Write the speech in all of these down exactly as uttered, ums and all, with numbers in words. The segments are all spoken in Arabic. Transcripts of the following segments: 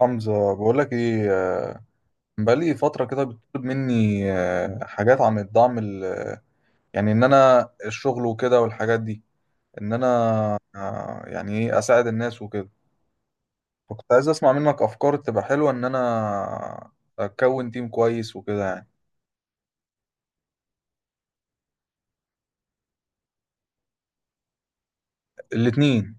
حمزة، بقول لك ايه. آه، بقالي فترة كده بتطلب مني آه، حاجات عن الدعم ال- يعني ان انا الشغل وكده والحاجات دي ان انا. آه، يعني ايه اساعد الناس وكده. فكنت عايز اسمع منك افكار تبقى حلوة ان انا اكون تيم كويس وكده يعني. الاتنين.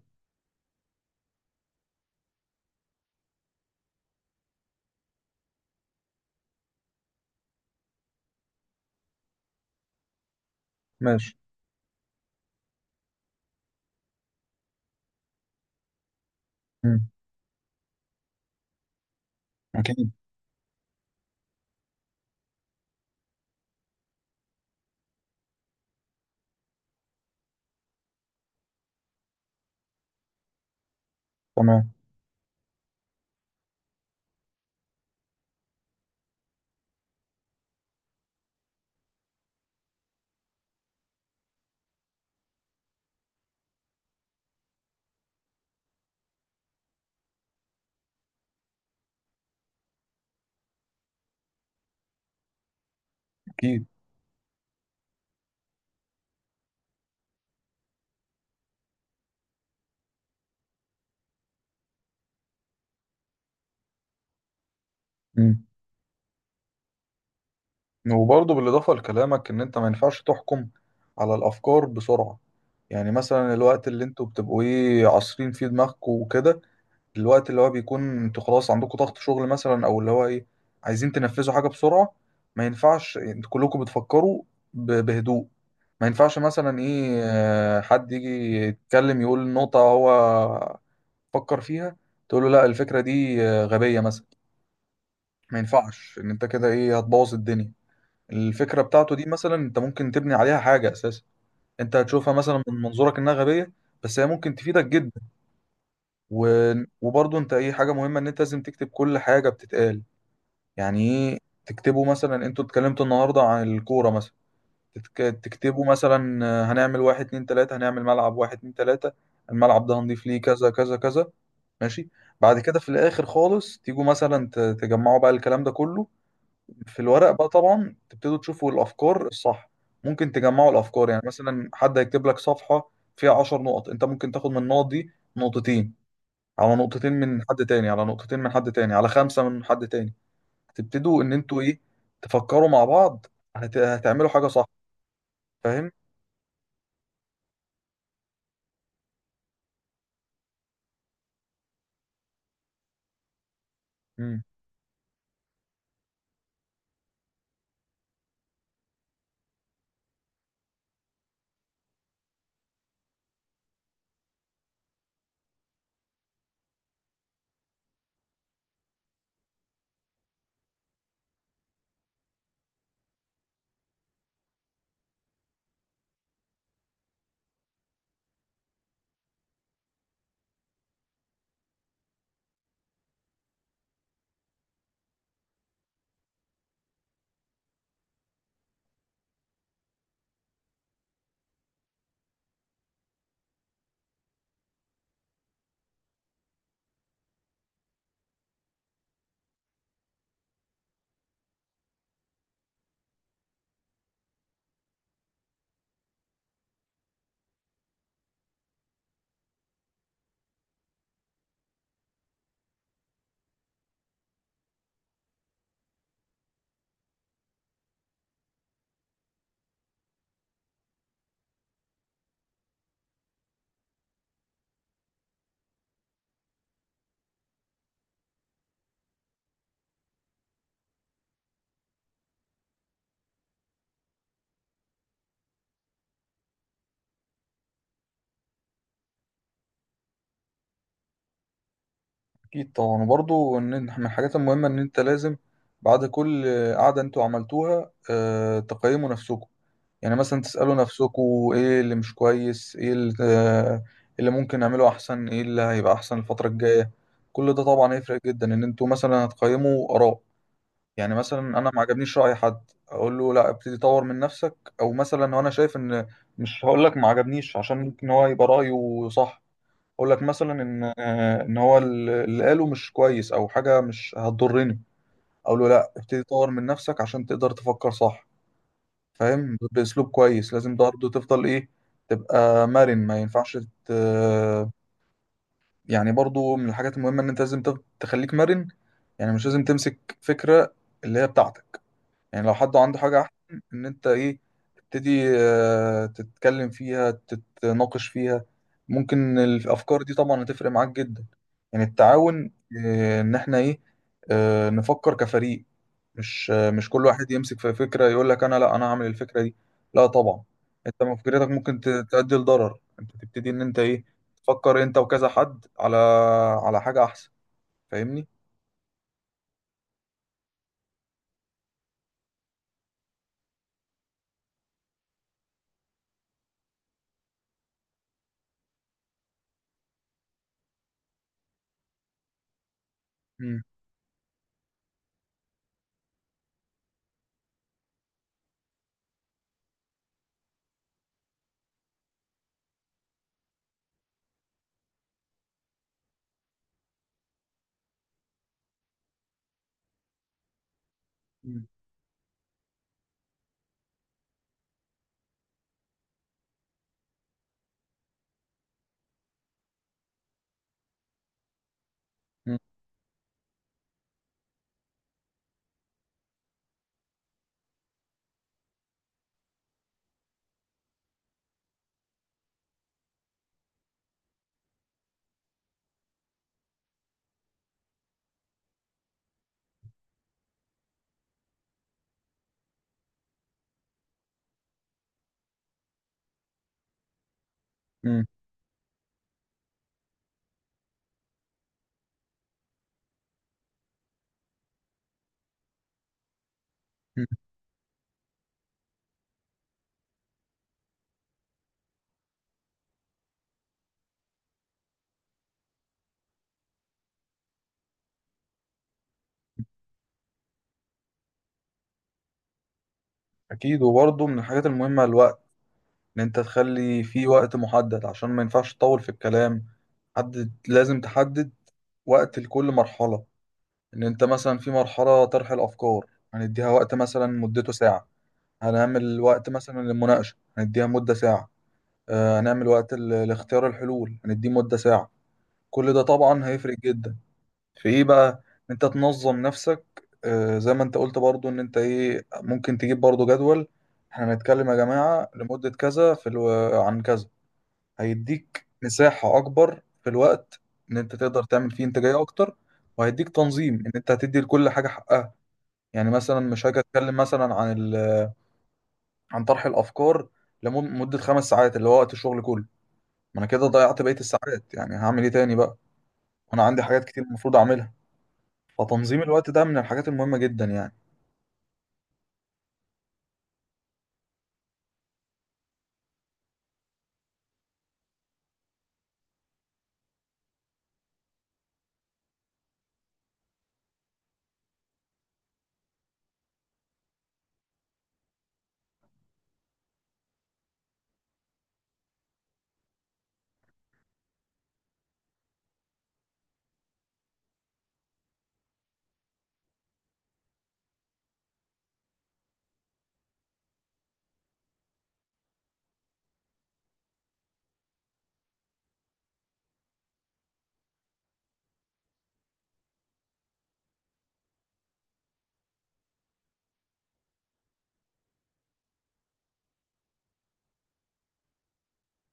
ماشي. مم. اكيد. تمام. اكيد. مم. وبرضه بالاضافة لكلامك ان انت ما ينفعش تحكم على الافكار بسرعة. يعني مثلا الوقت اللي انتوا بتبقوا ايه عصرين فيه دماغكم وكده، الوقت اللي هو بيكون انتوا خلاص عندكم ضغط شغل مثلا او اللي هو ايه عايزين تنفذوا حاجة بسرعة، ما ينفعش انتوا كلكم بتفكروا ب- بهدوء. ما ينفعش مثلا ايه آه، حد يجي يتكلم يقول نقطة هو فكر فيها، تقول له لا الفكرة دي آه، غبية مثلا. ما ينفعش ان انت كده ايه هتبوظ الدنيا. الفكرة بتاعته دي مثلا انت ممكن تبني عليها حاجة اساسا. انت هتشوفها مثلا من منظورك انها غبية، بس هي ممكن تفيدك جدا. و... وبرضه انت ايه حاجه مهمه ان انت لازم تكتب كل حاجه بتتقال. يعني ايه، تكتبوا مثلا انتوا اتكلمتوا النهارده عن الكوره مثلا، تتك... تكتبوا مثلا آه، هنعمل واحد اتنين تلاته، هنعمل ملعب واحد اتنين تلاته، الملعب ده هنضيف ليه كذا كذا كذا. ماشي. بعد كده في الاخر خالص تيجوا مثلا ت... تجمعوا بقى الكلام ده كله في الورق، بقى طبعا تبتدوا تشوفوا الافكار الصح. ممكن تجمعوا الافكار، يعني مثلا حد هيكتب لك صفحه فيها عشر نقط، انت ممكن تاخد من النقط دي نقطتين، على نقطتين من حد تاني، على نقطتين من حد تاني، على خمسة من حد تاني. هتبتدوا ان انتوا ايه تفكروا مع بعض، هت... هتعملوا حاجة صح. فاهم. امم اكيد طبعا. وبرضو ان إن من الحاجات المهمة ان انت لازم بعد كل قعدة انتوا عملتوها آه... تقيموا نفسكم. يعني مثلا تسألوا نفسكم ايه اللي مش كويس، ايه اللي, آه... اللي ممكن نعمله احسن، ايه اللي هيبقى احسن الفترة الجاية. كل ده طبعا هيفرق جدا ان انتوا مثلا هتقيموا آراء. يعني مثلا انا ما عجبنيش راي حد، اقول له لا ابتدي طور من نفسك، او مثلا لو انا شايف ان مش هقول لك ما عجبنيش عشان ممكن هو يبقى رايه صح، اقول لك مثلا ان آه، ان هو ال- اللي قاله مش كويس او حاجه مش هتضرني، اقول له لا ابتدي طور من نفسك عشان تقدر تفكر صح. فاهم. باسلوب كويس، لازم برضه تفضل ايه تبقى مرن. ما ينفعش ت- يعني برضه من الحاجات المهمه ان انت لازم تف- تخليك مرن. يعني مش لازم تمسك فكره اللي هي بتاعتك. يعني لو حد عنده حاجة أحسن، إن أنت إيه تبتدي آه، تتكلم فيها تتناقش فيها. ممكن الأفكار دي طبعا هتفرق معاك جدا. يعني التعاون، آه، إن إحنا إيه آه، نفكر كفريق. مش آه، مش كل واحد يمسك في فكرة يقول لك أنا، لا أنا هعمل الفكرة دي. لا طبعا، أنت من فكرتك ممكن ت- تؤدي لضرر. أنت تبتدي إن أنت إيه تفكر أنت وكذا حد على على حاجة أحسن. فاهمني؟ مم. مم. مم. مم. أكيد. وبرضه من الحاجات المهمة الوقت، ان انت تخلي في وقت محدد عشان ما ينفعش تطول في الكلام. حدد لازم تحدد وقت لكل مرحلة. ان انت مثلا في مرحلة طرح الافكار هنديها وقت مثلا مدته ساعة. هنعمل وقت مثلا للمناقشة هنديها مدة ساعة. آه، هنعمل وقت ل- لاختيار الحلول هنديه مدة ساعة. كل ده طبعا هيفرق جدا في ايه بقى، ان انت تنظم نفسك. آه، زي ما انت قلت برضو ان انت ايه ممكن تجيب برضو جدول. احنا هنتكلم يا جماعة لمدة كذا في الو... عن كذا. هيديك مساحة أكبر في الوقت، إن أنت تقدر تعمل فيه إنتاجية أكتر. وهيديك تنظيم إن أنت هتدي لكل حاجة حقها. يعني مثلا مش هاجي أتكلم مثلا عن ال عن طرح الأفكار لمدة خمس ساعات اللي هو وقت الشغل كله. ما أنا كده ضيعت بقية الساعات، يعني هعمل إيه تاني بقى؟ وأنا عندي حاجات كتير المفروض أعملها. فتنظيم الوقت ده من الحاجات المهمة جدا يعني.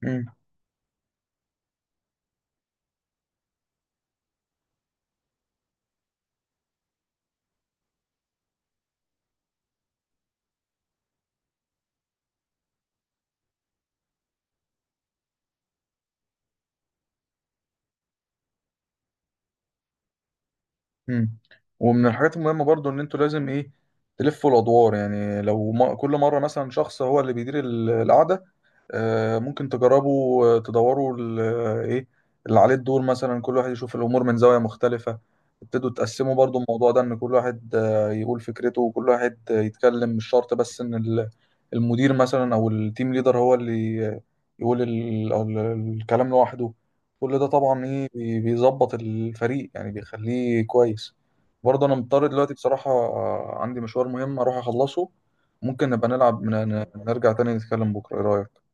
مم. مم. ومن الحاجات المهمة برضو إن أنتوا لازم إيه تلفوا الأدوار. يعني لو ما كل مرة مثلا شخص هو اللي بيدير ال- القعدة، آه، ممكن تجربوا آه، تدوروا ال- آه، ايه اللي عليه الدور مثلا، كل واحد يشوف الامور من زاويه مختلفه. ابتدوا تقسموا برضو الموضوع ده، ان كل واحد آه، يقول فكرته وكل واحد آه، يتكلم، مش شرط بس ان ال- المدير مثلا او التيم ليدر هو اللي آه، يقول ال- أو ال- الكلام لوحده. كل ده طبعا ايه بي- بيظبط الفريق يعني بيخليه كويس. برضه انا مضطر دلوقتي بصراحه، آه، عندي مشوار مهم اروح اخلصه. ممكن نبقى نلعب ن- ن- نرجع تاني نتكلم بكره، ايه رايك؟